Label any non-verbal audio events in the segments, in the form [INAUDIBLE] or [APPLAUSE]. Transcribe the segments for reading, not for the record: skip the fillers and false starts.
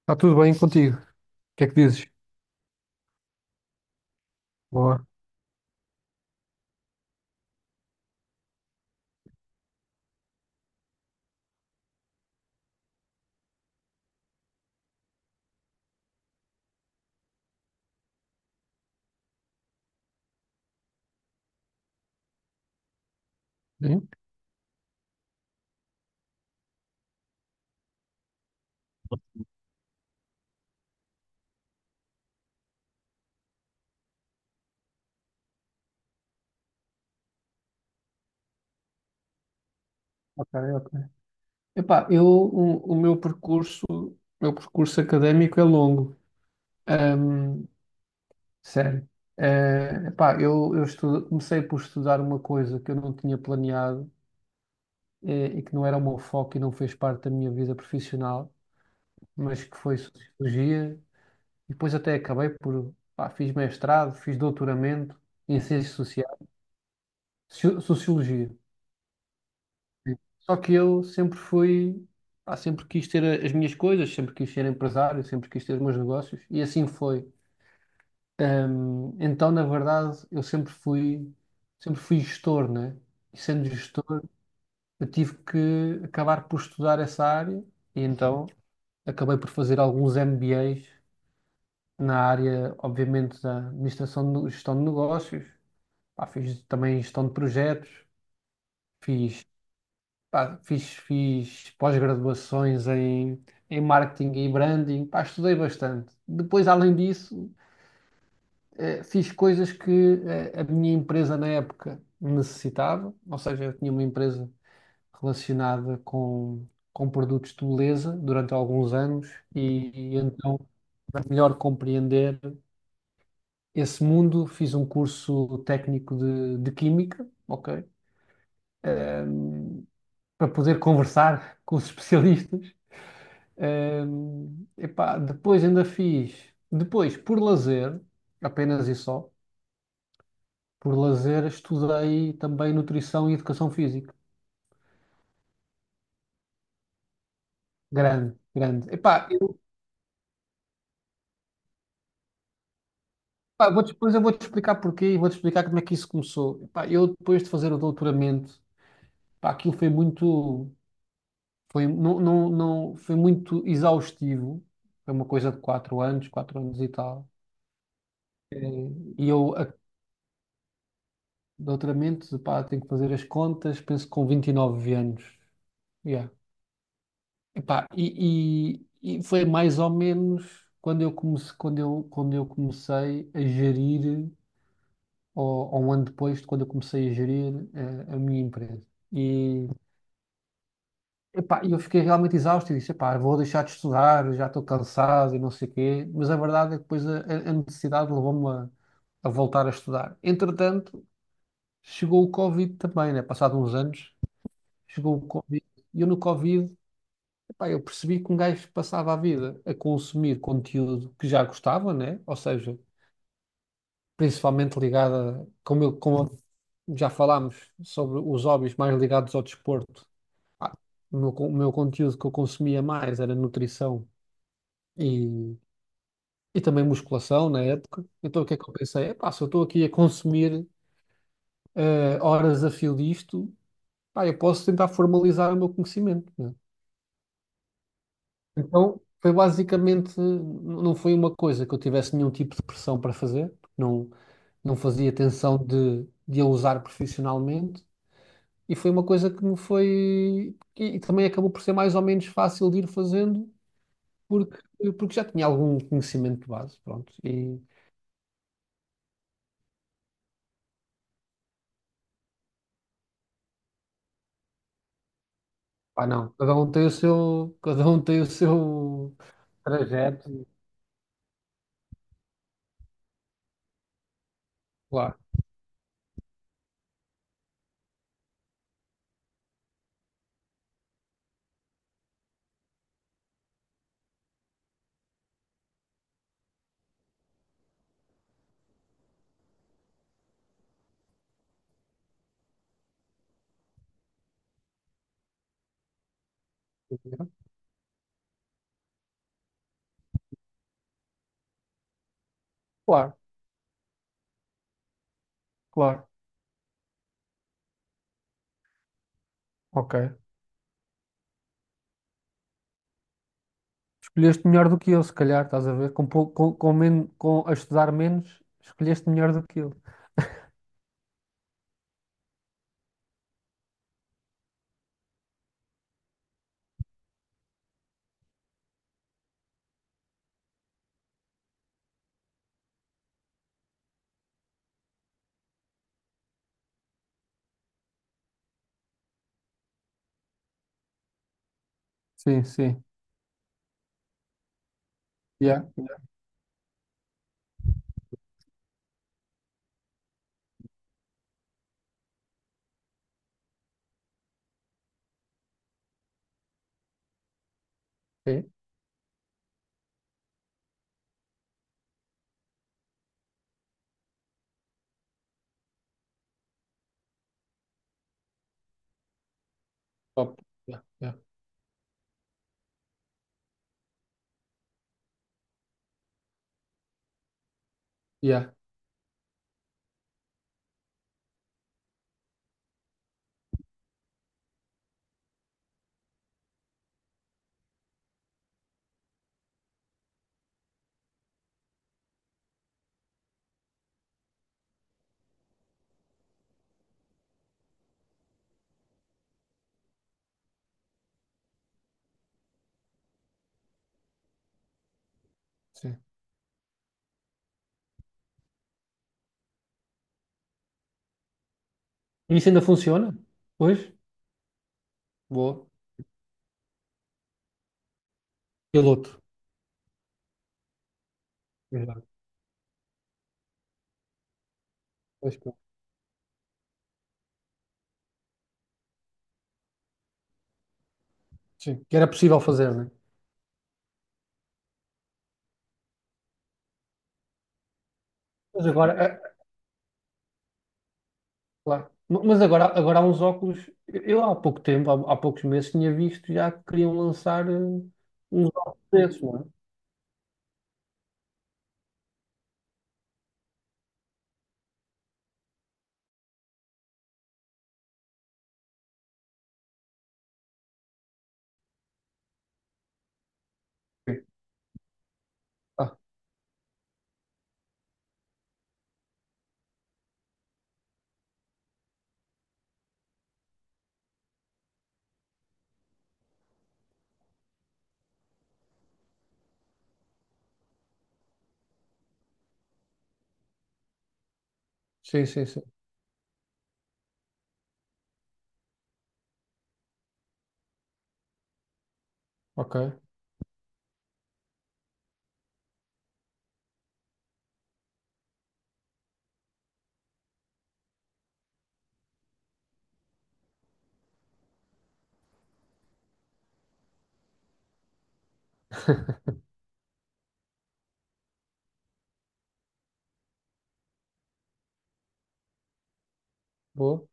Está tudo bem contigo? O que é que dizes? Boa. Sim? Ok, ok. Epá, o meu percurso, o meu percurso académico é longo. Ahm, Sério. Eh, epá, eu estu- Comecei por estudar uma coisa que eu não tinha planeado, e que não era o meu foco e não fez parte da minha vida profissional, mas que foi sociologia, e depois até acabei por, pá, fiz mestrado, fiz doutoramento em ciências sociais, sociologia. Sim. Só que eu sempre fui, pá, sempre quis ter as minhas coisas, sempre quis ser empresário, sempre quis ter os meus negócios e assim foi. Então, na verdade, sempre fui gestor, né? E sendo gestor, eu tive que acabar por estudar essa área e então acabei por fazer alguns MBAs na área, obviamente, da administração de gestão de negócios. Pá, fiz também gestão de projetos, fiz Pá, fiz pós-graduações em, em marketing e branding, pá, estudei bastante. Depois, além disso, fiz coisas que a minha empresa na época necessitava, ou seja, eu tinha uma empresa relacionada com produtos de beleza durante alguns anos e, e então, para melhor compreender esse mundo, fiz um curso técnico de química, ok? Eh, Para poder conversar [LAUGHS] com os especialistas. Epá, depois ainda fiz, depois por lazer, apenas e só, por lazer estudei também nutrição e educação física. Grande, grande. Epá, pá, vou, depois eu vou-te explicar porquê e vou-te explicar como é que isso começou. Epá, eu depois de fazer o doutoramento, pá, aquilo foi muito, foi, não, não, não, foi muito exaustivo. Foi uma coisa de quatro anos e tal. E doutoramento, pá, tenho que fazer as contas, penso que com 29 anos. Yeah. Epá, e foi mais ou menos quando eu comecei, quando eu comecei a gerir, ou um ano depois de quando eu comecei a gerir minha empresa. E epá, eu fiquei realmente exausto e disse, epá, vou deixar de estudar, já estou cansado e não sei o quê. Mas a verdade é que depois a necessidade levou-me a voltar a estudar. Entretanto, chegou o Covid também, né? Passado uns anos, chegou o Covid. E eu no Covid pá, eu percebi que um gajo passava a vida a consumir conteúdo que já gostava, né? Ou seja, principalmente ligado a, como, como já falámos sobre os hobbies mais ligados ao desporto. Ah, o meu, o meu conteúdo que eu consumia mais era nutrição e, e também musculação na época. Então o que é que eu pensei? Epá, se eu estou aqui a consumir horas a fio disto, pá, eu posso tentar formalizar o meu conhecimento, né? Então, foi basicamente, não foi uma coisa que eu tivesse nenhum tipo de pressão para fazer, porque não, não fazia tensão de a usar profissionalmente, e foi uma coisa que me foi, e também acabou por ser mais ou menos fácil de ir fazendo, porque, porque já tinha algum conhecimento de base, pronto, e pá, não, cada um tem o seu, cada um tem o seu trajeto, claro, claro, claro, ok. Escolheste melhor do que eu, se calhar, estás a ver? Com, com a estudar menos, escolheste melhor do que eu. Sim, sim. Yeah, yeah. É, top. Yeah, yeah, yeah, sim. E isso ainda funciona? Pois? Boa. Piloto. Exato. Pois, pô. Sim. Que era possível fazer, não é? Mas agora, é, claro. Mas agora, agora há uns óculos. Eu há pouco tempo, há, há poucos meses, tinha visto já que queriam lançar uns óculos desses, não é? Sim. Ah, sim, sim, sim. Ok. Boa.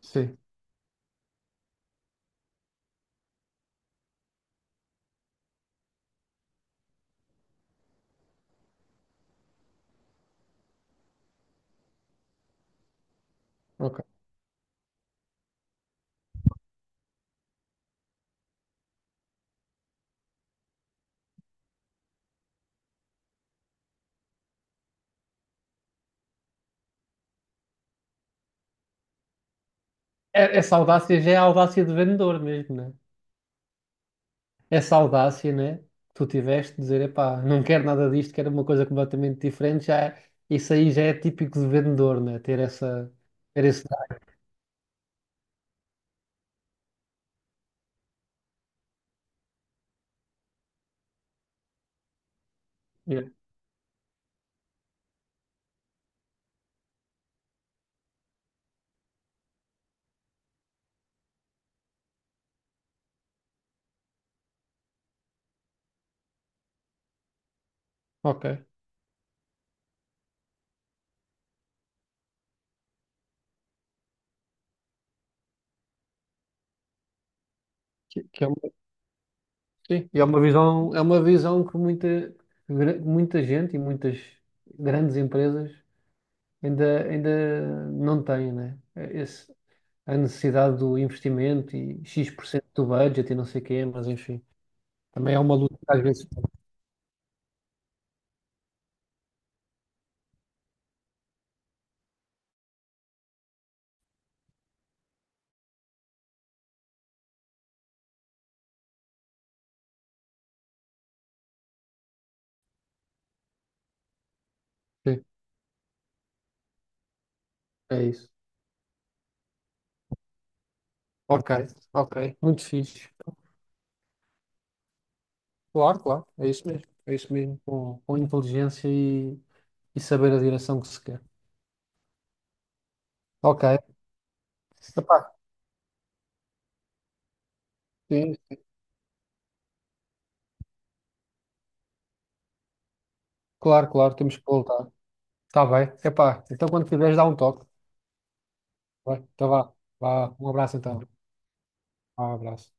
Sim. Ok. Essa audácia já é a audácia de vendedor mesmo, né? Essa audácia, né? que Tu tiveste de dizer, epá, não quero nada disto, quero uma coisa completamente diferente, isso aí já é típico de vendedor, né? Ter essa, ter esse... Yeah. Ok. Que, que é uma, sim, e é uma visão que muita, muita gente e muitas grandes empresas ainda, ainda não têm, né? É, esse, a necessidade do investimento e X% do budget e não sei o quê, mas enfim, também é uma luta que às vezes. Sim, é isso. Ok, ok, muito fixe. Claro, claro, é isso mesmo. É isso mesmo, com inteligência e saber a direção que se quer. Ok. Epá, sim, claro, claro, temos que voltar. Está bem, epá, então quando quiseres dá um toque. Vai, então vá, vá, um abraço então. Vá, um abraço.